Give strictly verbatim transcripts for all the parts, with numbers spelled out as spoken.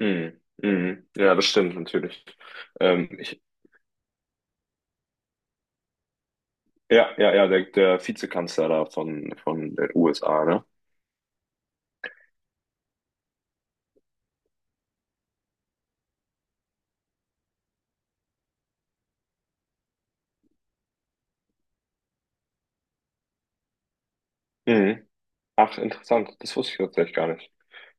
Mhm. Mhm. Ja, das stimmt natürlich. Ähm, ich, ja, ja, ja, der, der Vizekanzler da von, von den U S A, ne? Mhm. Ach, interessant. Das wusste ich tatsächlich gar nicht.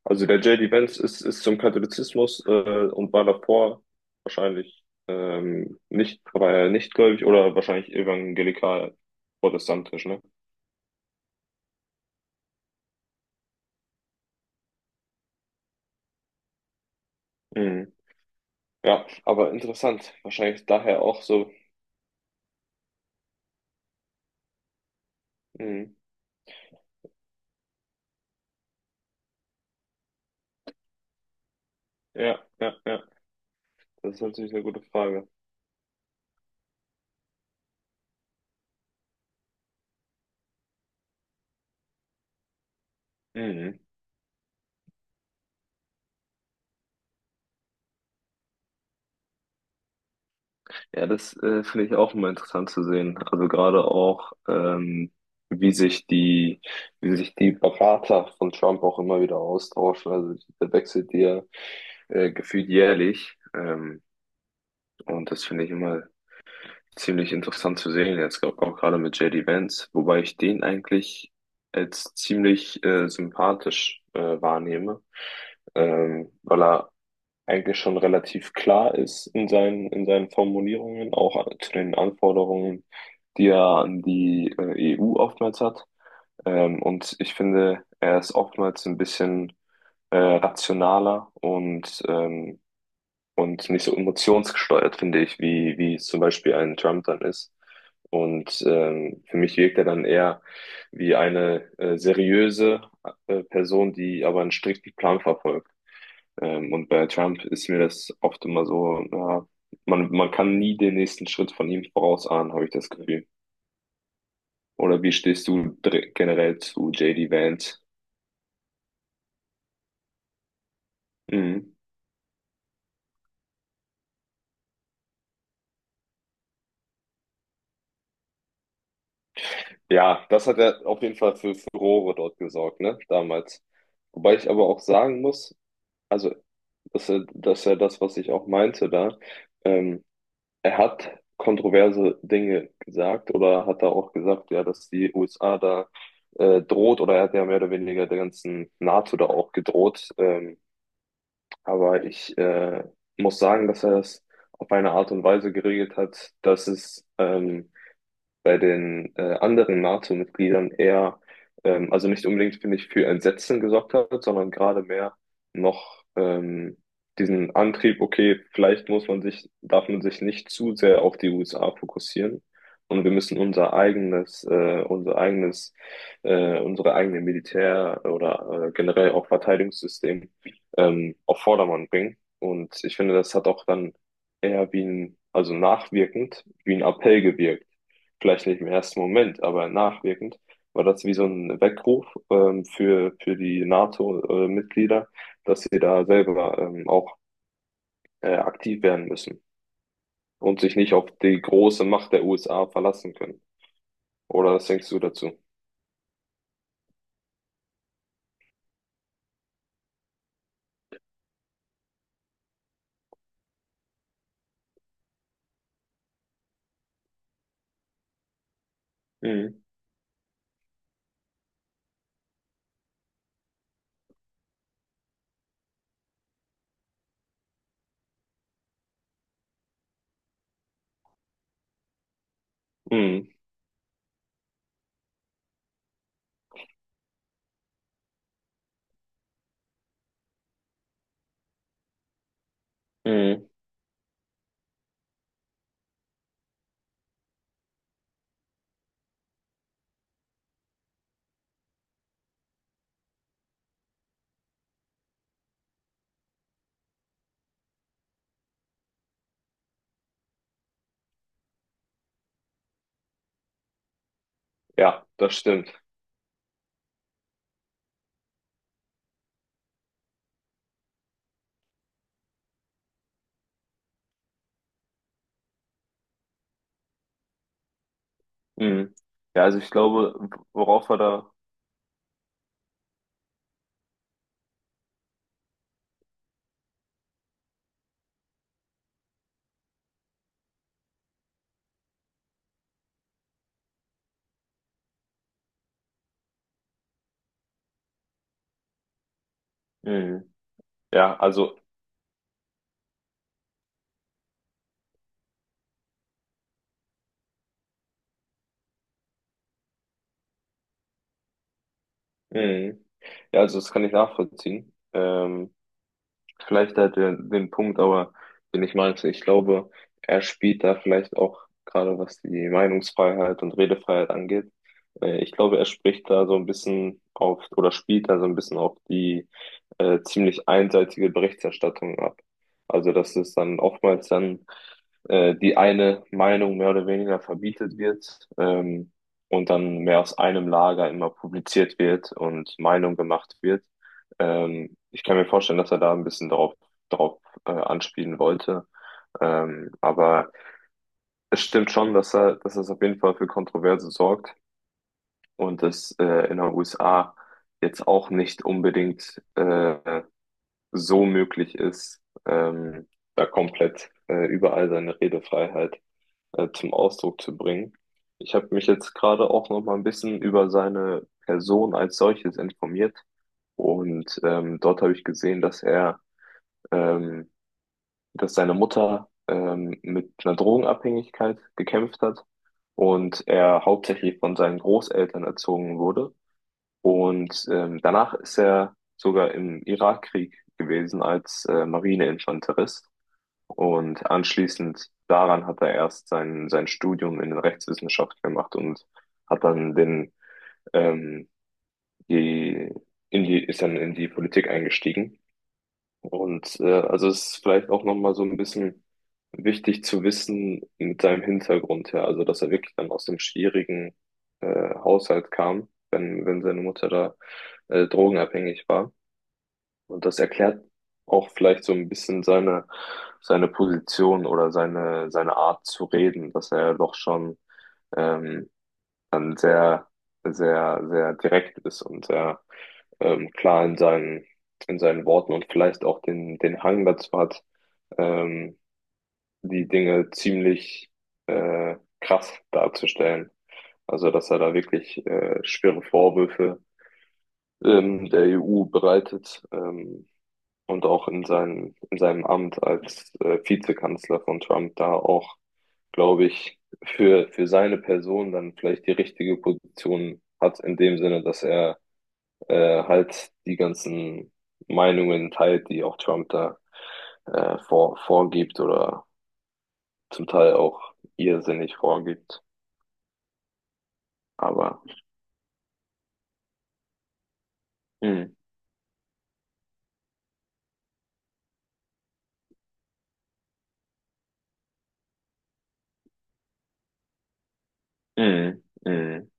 Also der J. D. Vance ist, ist zum Katholizismus äh, und war davor wahrscheinlich ähm, nicht, war er nicht gläubig oder wahrscheinlich evangelikal protestantisch, ne? Mhm. Ja, aber interessant. Wahrscheinlich daher auch so. Mhm. Ja, ja, ja. Das ist natürlich eine gute Frage. Mhm. Ja, das äh, finde ich auch immer interessant zu sehen. Also gerade auch, ähm, wie sich die, wie sich die Berater von Trump auch immer wieder austauschen. Also der wechselt ja äh, gefühlt jährlich. Ähm, und das finde ich immer ziemlich interessant zu sehen. Jetzt glaub, auch gerade mit J D Vance, wobei ich den eigentlich als ziemlich äh, sympathisch äh, wahrnehme, ähm, weil er eigentlich schon relativ klar ist in seinen, in seinen Formulierungen, auch zu den Anforderungen, die er an die äh, E U oftmals hat. Ähm, und ich finde, er ist oftmals ein bisschen äh, rationaler und, ähm, und nicht so emotionsgesteuert, finde ich, wie, wie es zum Beispiel ein Trump dann ist. Und ähm, für mich wirkt er dann eher wie eine äh, seriöse äh, Person, die aber einen strikten Plan verfolgt. Ähm, und bei Trump ist mir das oft immer so, ja, man, man kann nie den nächsten Schritt von ihm vorausahnen, habe ich das Gefühl. Oder wie stehst du dr- generell zu J D Vance? Mhm. Ja, das hat ja auf jeden Fall für Furore dort gesorgt, ne, damals. Wobei ich aber auch sagen muss, also, dass er, dass er das, was ich auch meinte da, ähm, er hat kontroverse Dinge gesagt oder hat er auch gesagt, ja, dass die U S A da äh, droht oder er hat ja mehr oder weniger der ganzen NATO da auch gedroht. Ähm, aber ich äh, muss sagen, dass er es auf eine Art und Weise geregelt hat, dass es ähm, bei den äh, anderen NATO-Mitgliedern eher, ähm, also nicht unbedingt, finde ich, für Entsetzen gesorgt hat, sondern gerade mehr noch ähm, diesen Antrieb, okay, vielleicht muss man sich, darf man sich nicht zu sehr auf die U S A fokussieren und wir müssen unser eigenes, äh, unser eigenes, äh, unsere eigene Militär- oder äh, generell auch Verteidigungssystem ähm, auf Vordermann bringen. Und ich finde, das hat auch dann eher wie ein, also nachwirkend, wie ein Appell gewirkt, vielleicht nicht im ersten Moment, aber nachwirkend, war das wie so ein Weckruf ähm, für, für die NATO-Mitglieder, dass sie da selber ähm, auch äh, aktiv werden müssen und sich nicht auf die große Macht der U S A verlassen können. Oder was denkst du dazu? Mhm. Mhm. Mhm. Ja, das stimmt. Mhm. Ja, also ich glaube, worauf wir da. Mhm. Ja, also. Mhm. Ja, also das kann ich nachvollziehen. Ähm, Vielleicht halt den, den Punkt, aber den ich meinte, ich glaube, er spielt da vielleicht auch gerade was die Meinungsfreiheit und Redefreiheit angeht. Äh, Ich glaube, er spricht da so ein bisschen auf oder spielt da so ein bisschen auf die äh, ziemlich einseitige Berichterstattung ab. Also, dass es dann oftmals dann äh, die eine Meinung mehr oder weniger verbietet wird, ähm, und dann mehr aus einem Lager immer publiziert wird und Meinung gemacht wird. Ähm, ich kann mir vorstellen, dass er da ein bisschen drauf, drauf äh, anspielen wollte. Ähm, aber es stimmt schon, dass er, dass es auf jeden Fall für Kontroverse sorgt und das äh, in den U S A jetzt auch nicht unbedingt äh, so möglich ist, ähm, da komplett äh, überall seine Redefreiheit äh, zum Ausdruck zu bringen. Ich habe mich jetzt gerade auch noch mal ein bisschen über seine Person als solches informiert und ähm, dort habe ich gesehen, dass er ähm, dass seine Mutter ähm, mit einer Drogenabhängigkeit gekämpft hat und er hauptsächlich von seinen Großeltern erzogen wurde. Und ähm, danach ist er sogar im Irakkrieg gewesen als äh, Marineinfanterist. Und anschließend daran hat er erst sein, sein Studium in den Rechtswissenschaften gemacht und hat dann den, ähm, die, in die, ist dann in die Politik eingestiegen. Und äh, also es ist vielleicht auch nochmal so ein bisschen wichtig zu wissen mit seinem Hintergrund her, also dass er wirklich dann aus dem schwierigen äh, Haushalt kam, wenn, wenn seine Mutter da äh, drogenabhängig war. Und das erklärt auch vielleicht so ein bisschen seine, seine Position oder seine, seine Art zu reden, dass er doch schon ähm, dann sehr, sehr, sehr direkt ist und sehr ähm, klar in seinen, in seinen Worten und vielleicht auch den, den Hang dazu hat, ähm, die Dinge ziemlich äh, krass darzustellen. Also, dass er da wirklich äh, schwere Vorwürfe ähm, der E U bereitet, ähm, und auch in seinem, in seinem Amt als äh, Vizekanzler von Trump da auch, glaube ich, für, für seine Person dann vielleicht die richtige Position hat, in dem Sinne, dass er äh, halt die ganzen Meinungen teilt, die auch Trump da äh, vor, vorgibt oder zum Teil auch irrsinnig vorgibt. Aber mm, mm, mm.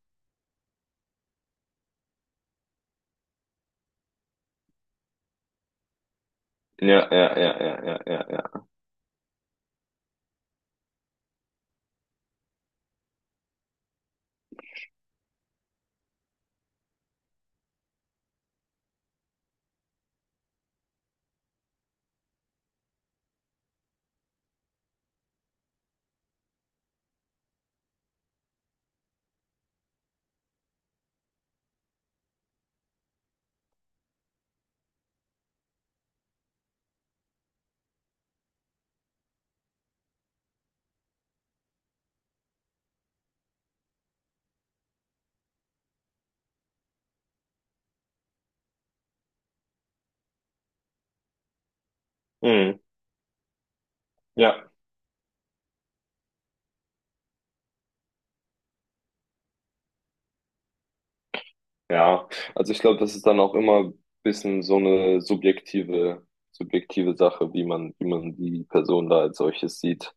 Ja, ja, ja, ja, ja, ja, ja. Mm, ja, ja. Also ich glaube, das ist dann auch immer ein bisschen so eine subjektive, subjektive Sache, wie man, wie man die Person da als solches sieht.